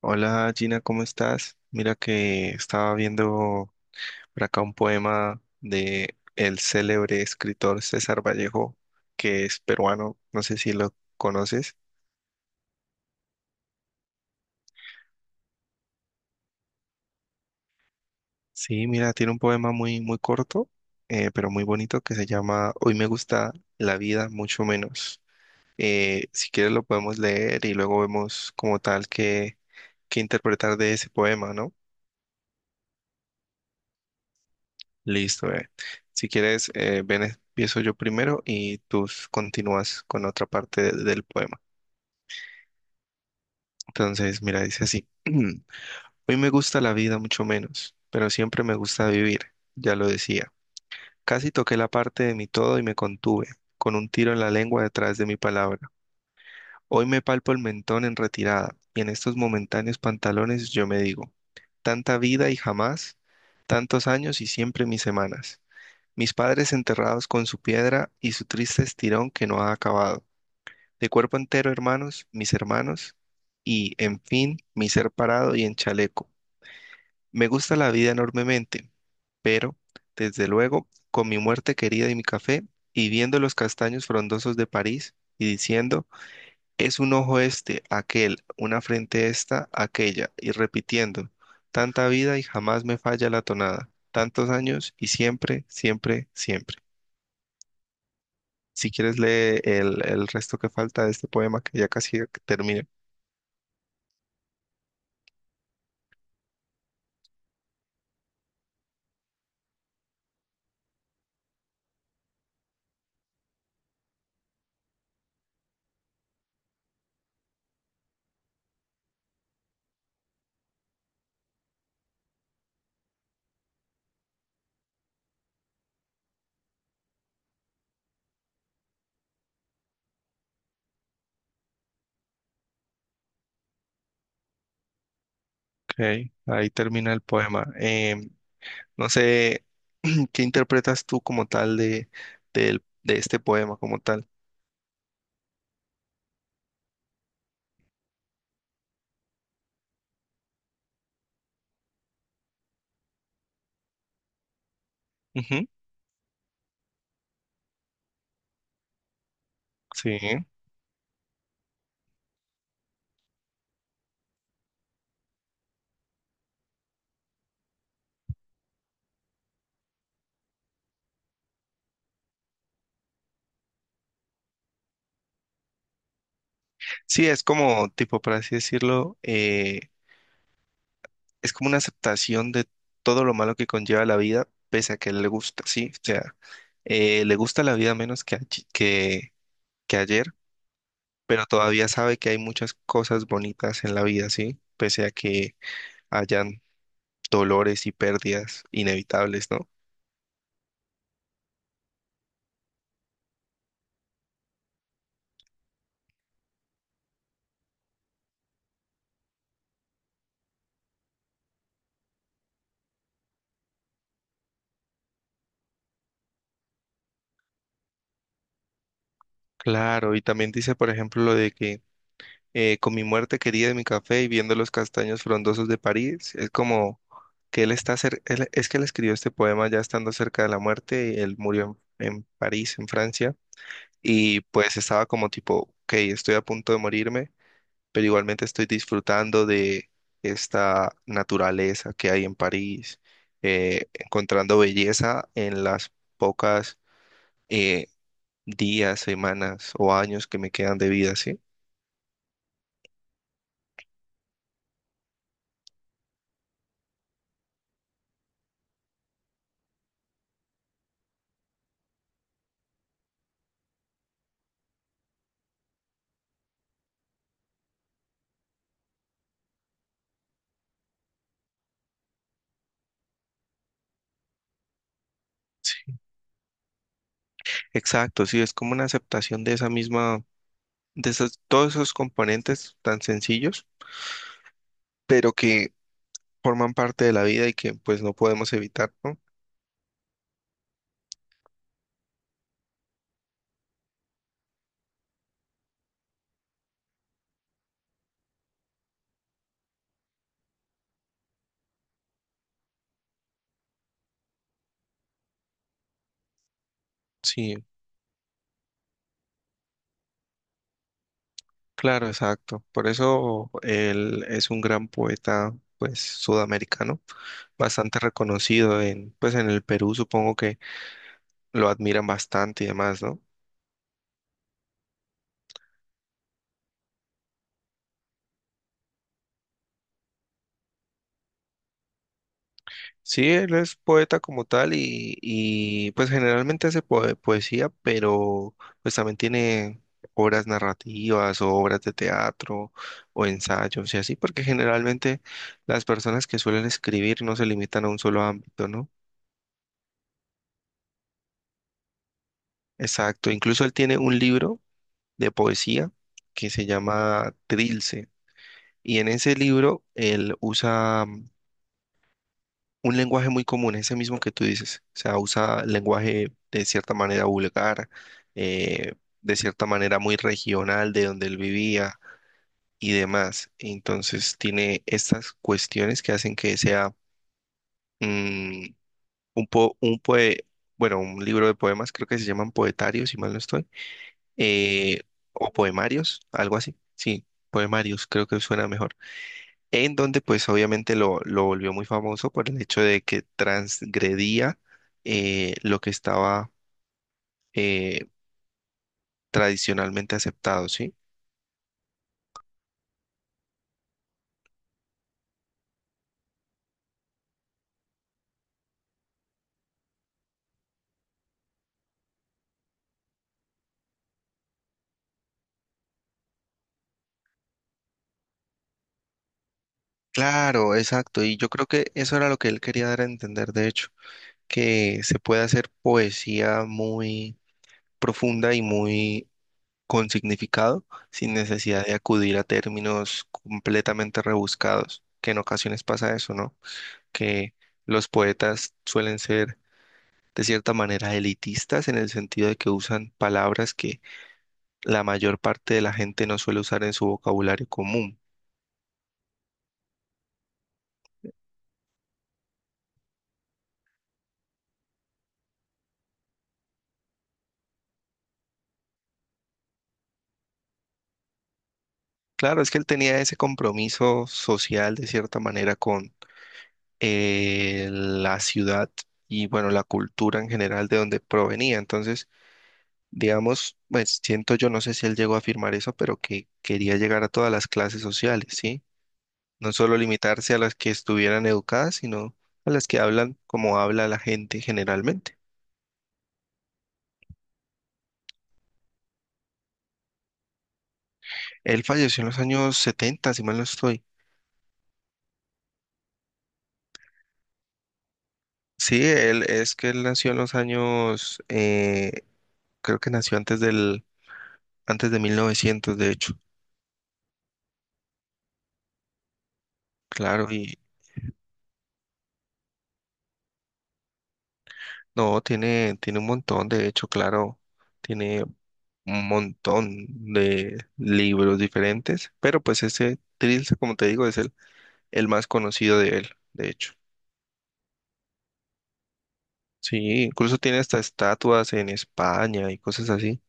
Hola Gina, ¿cómo estás? Mira que estaba viendo por acá un poema de el célebre escritor César Vallejo, que es peruano, no sé si lo conoces. Sí, mira, tiene un poema muy, muy corto, pero muy bonito que se llama Hoy me gusta la vida mucho menos. Si quieres lo podemos leer y luego vemos como tal que interpretar de ese poema, ¿no? Listo, bebé. Si quieres, ven, empiezo yo primero y continúas con otra parte del poema. Entonces, mira, dice así. Hoy me gusta la vida mucho menos, pero siempre me gusta vivir, ya lo decía. Casi toqué la parte de mi todo y me contuve, con un tiro en la lengua detrás de mi palabra. Hoy me palpo el mentón en retirada y en estos momentáneos pantalones yo me digo, tanta vida y jamás, tantos años y siempre mis semanas. Mis padres enterrados con su piedra y su triste estirón que no ha acabado. De cuerpo entero, hermanos, mis hermanos, y, en fin, mi ser parado y en chaleco. Me gusta la vida enormemente, pero, desde luego, con mi muerte querida y mi café, y viendo los castaños frondosos de París, y diciendo, es un ojo este, aquel, una frente esta, aquella, y repitiendo, tanta vida y jamás me falla la tonada, tantos años y siempre, siempre, siempre. Si quieres lee el resto que falta de este poema, que ya casi termina. Ok, ahí termina el poema. No sé qué interpretas tú como tal de este poema, como tal. Ujú. Sí. Sí, es como, tipo, por así decirlo, es como una aceptación de todo lo malo que conlleva la vida, pese a que le gusta, sí. O sea, le gusta la vida menos que ayer, pero todavía sabe que hay muchas cosas bonitas en la vida, ¿sí? Pese a que hayan dolores y pérdidas inevitables, ¿no? Claro, y también dice, por ejemplo, lo de que con mi muerte querida de mi café y viendo los castaños frondosos de París, es como que él está cer- él- es que él escribió este poema ya estando cerca de la muerte, y él murió en París, en Francia, y pues estaba como tipo, ok, estoy a punto de morirme pero igualmente estoy disfrutando de esta naturaleza que hay en París, encontrando belleza en las pocas eh, días, semanas o años que me quedan de vida, ¿sí? Sí. Exacto, sí, es como una aceptación de esa misma, de esos, todos esos componentes tan sencillos, pero que forman parte de la vida y que pues no podemos evitar, ¿no? Sí. Claro, exacto. Por eso él es un gran poeta, pues, sudamericano, bastante reconocido en, pues, en el Perú, supongo que lo admiran bastante y demás, ¿no? Sí, él es poeta como tal y pues generalmente hace poesía, pero pues también tiene obras narrativas o obras de teatro o ensayos y así, porque generalmente las personas que suelen escribir no se limitan a un solo ámbito, ¿no? Exacto, incluso él tiene un libro de poesía que se llama Trilce. Y en ese libro él usa un lenguaje muy común, ese mismo que tú dices. O sea, usa lenguaje de cierta manera vulgar, eh, de cierta manera muy regional de donde él vivía y demás. Entonces tiene estas cuestiones que hacen que sea mm, un po- un poe- bueno, un libro de poemas, creo que se llaman poetarios, si mal no estoy, eh, o poemarios, algo así. Sí, poemarios, creo que suena mejor en donde pues obviamente lo volvió muy famoso por el hecho de que transgredía lo que estaba eh, tradicionalmente aceptado, ¿sí? Claro, exacto, y yo creo que eso era lo que él quería dar a entender, de hecho, que se puede hacer poesía muy profunda y muy con significado sin necesidad de acudir a términos completamente rebuscados, que en ocasiones pasa eso, ¿no? Que los poetas suelen ser de cierta manera elitistas en el sentido de que usan palabras que la mayor parte de la gente no suele usar en su vocabulario común. Claro, es que él tenía ese compromiso social de cierta manera con la ciudad y bueno, la cultura en general de donde provenía. Entonces, digamos, pues siento yo, no sé si él llegó a afirmar eso, pero que quería llegar a todas las clases sociales, ¿sí? No solo limitarse a las que estuvieran educadas, sino a las que hablan como habla la gente generalmente. Él falleció en los años 70, si mal no estoy. Sí, él es que él nació en los años, creo que nació antes de 1900, de hecho. Claro, y no, tiene un montón, de hecho, claro, tiene un montón de libros diferentes, pero pues ese Trilce, como te digo, es el más conocido de él, de hecho. Sí, incluso tiene hasta estatuas en España y cosas así.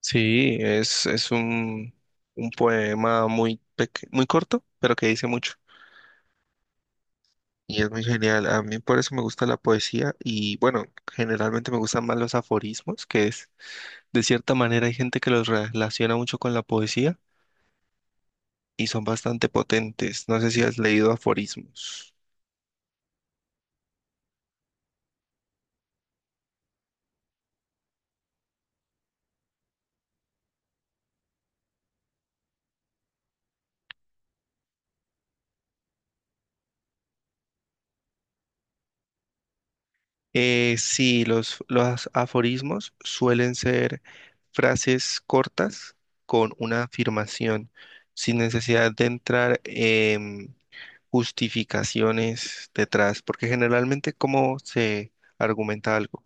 Sí, un poema muy, muy corto, pero que dice mucho. Y es muy genial. A mí por eso me gusta la poesía y bueno, generalmente me gustan más los aforismos, que es, de cierta manera hay gente que los relaciona mucho con la poesía y son bastante potentes. No sé si has leído aforismos. Sí, los aforismos suelen ser frases cortas con una afirmación, sin necesidad de entrar en justificaciones detrás, porque generalmente cómo se argumenta algo,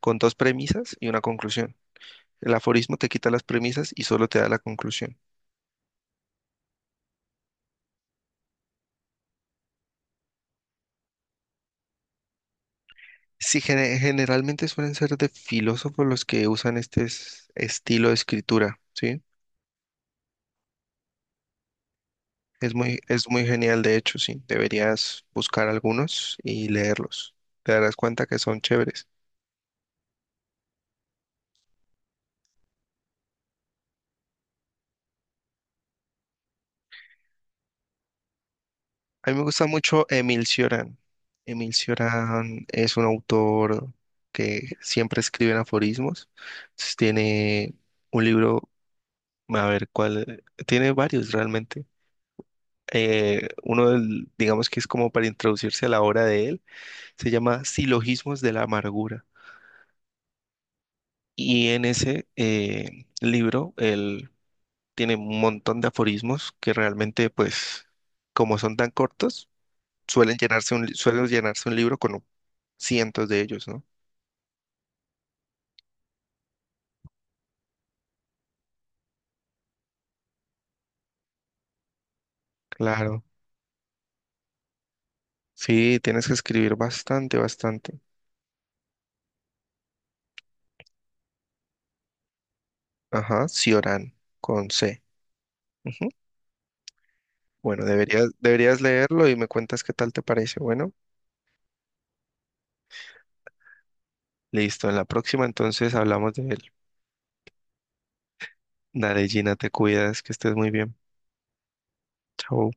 con dos premisas y una conclusión. El aforismo te quita las premisas y solo te da la conclusión. Sí, generalmente suelen ser de filósofos los que usan estilo de escritura, ¿sí? Es muy genial, de hecho, sí. Deberías buscar algunos y leerlos. Te darás cuenta que son chéveres. A mí me gusta mucho Emil Cioran. Emil Cioran es un autor que siempre escribe en aforismos. Entonces, tiene un libro, a ver cuál, tiene varios realmente. Uno del, digamos que es como para introducirse a la obra de él, se llama Silogismos de la Amargura. Y en ese libro, él tiene un montón de aforismos que realmente, pues, como son tan cortos, suelen llenarse un libro con cientos de ellos, ¿no? Claro. Sí, tienes que escribir bastante, bastante. Ajá, Cioran, con C. Ujú. Bueno, deberías leerlo y me cuentas qué tal te parece. Bueno, listo. En la próxima entonces hablamos de él. Dale, Gina, te cuidas, que estés muy bien. Chao.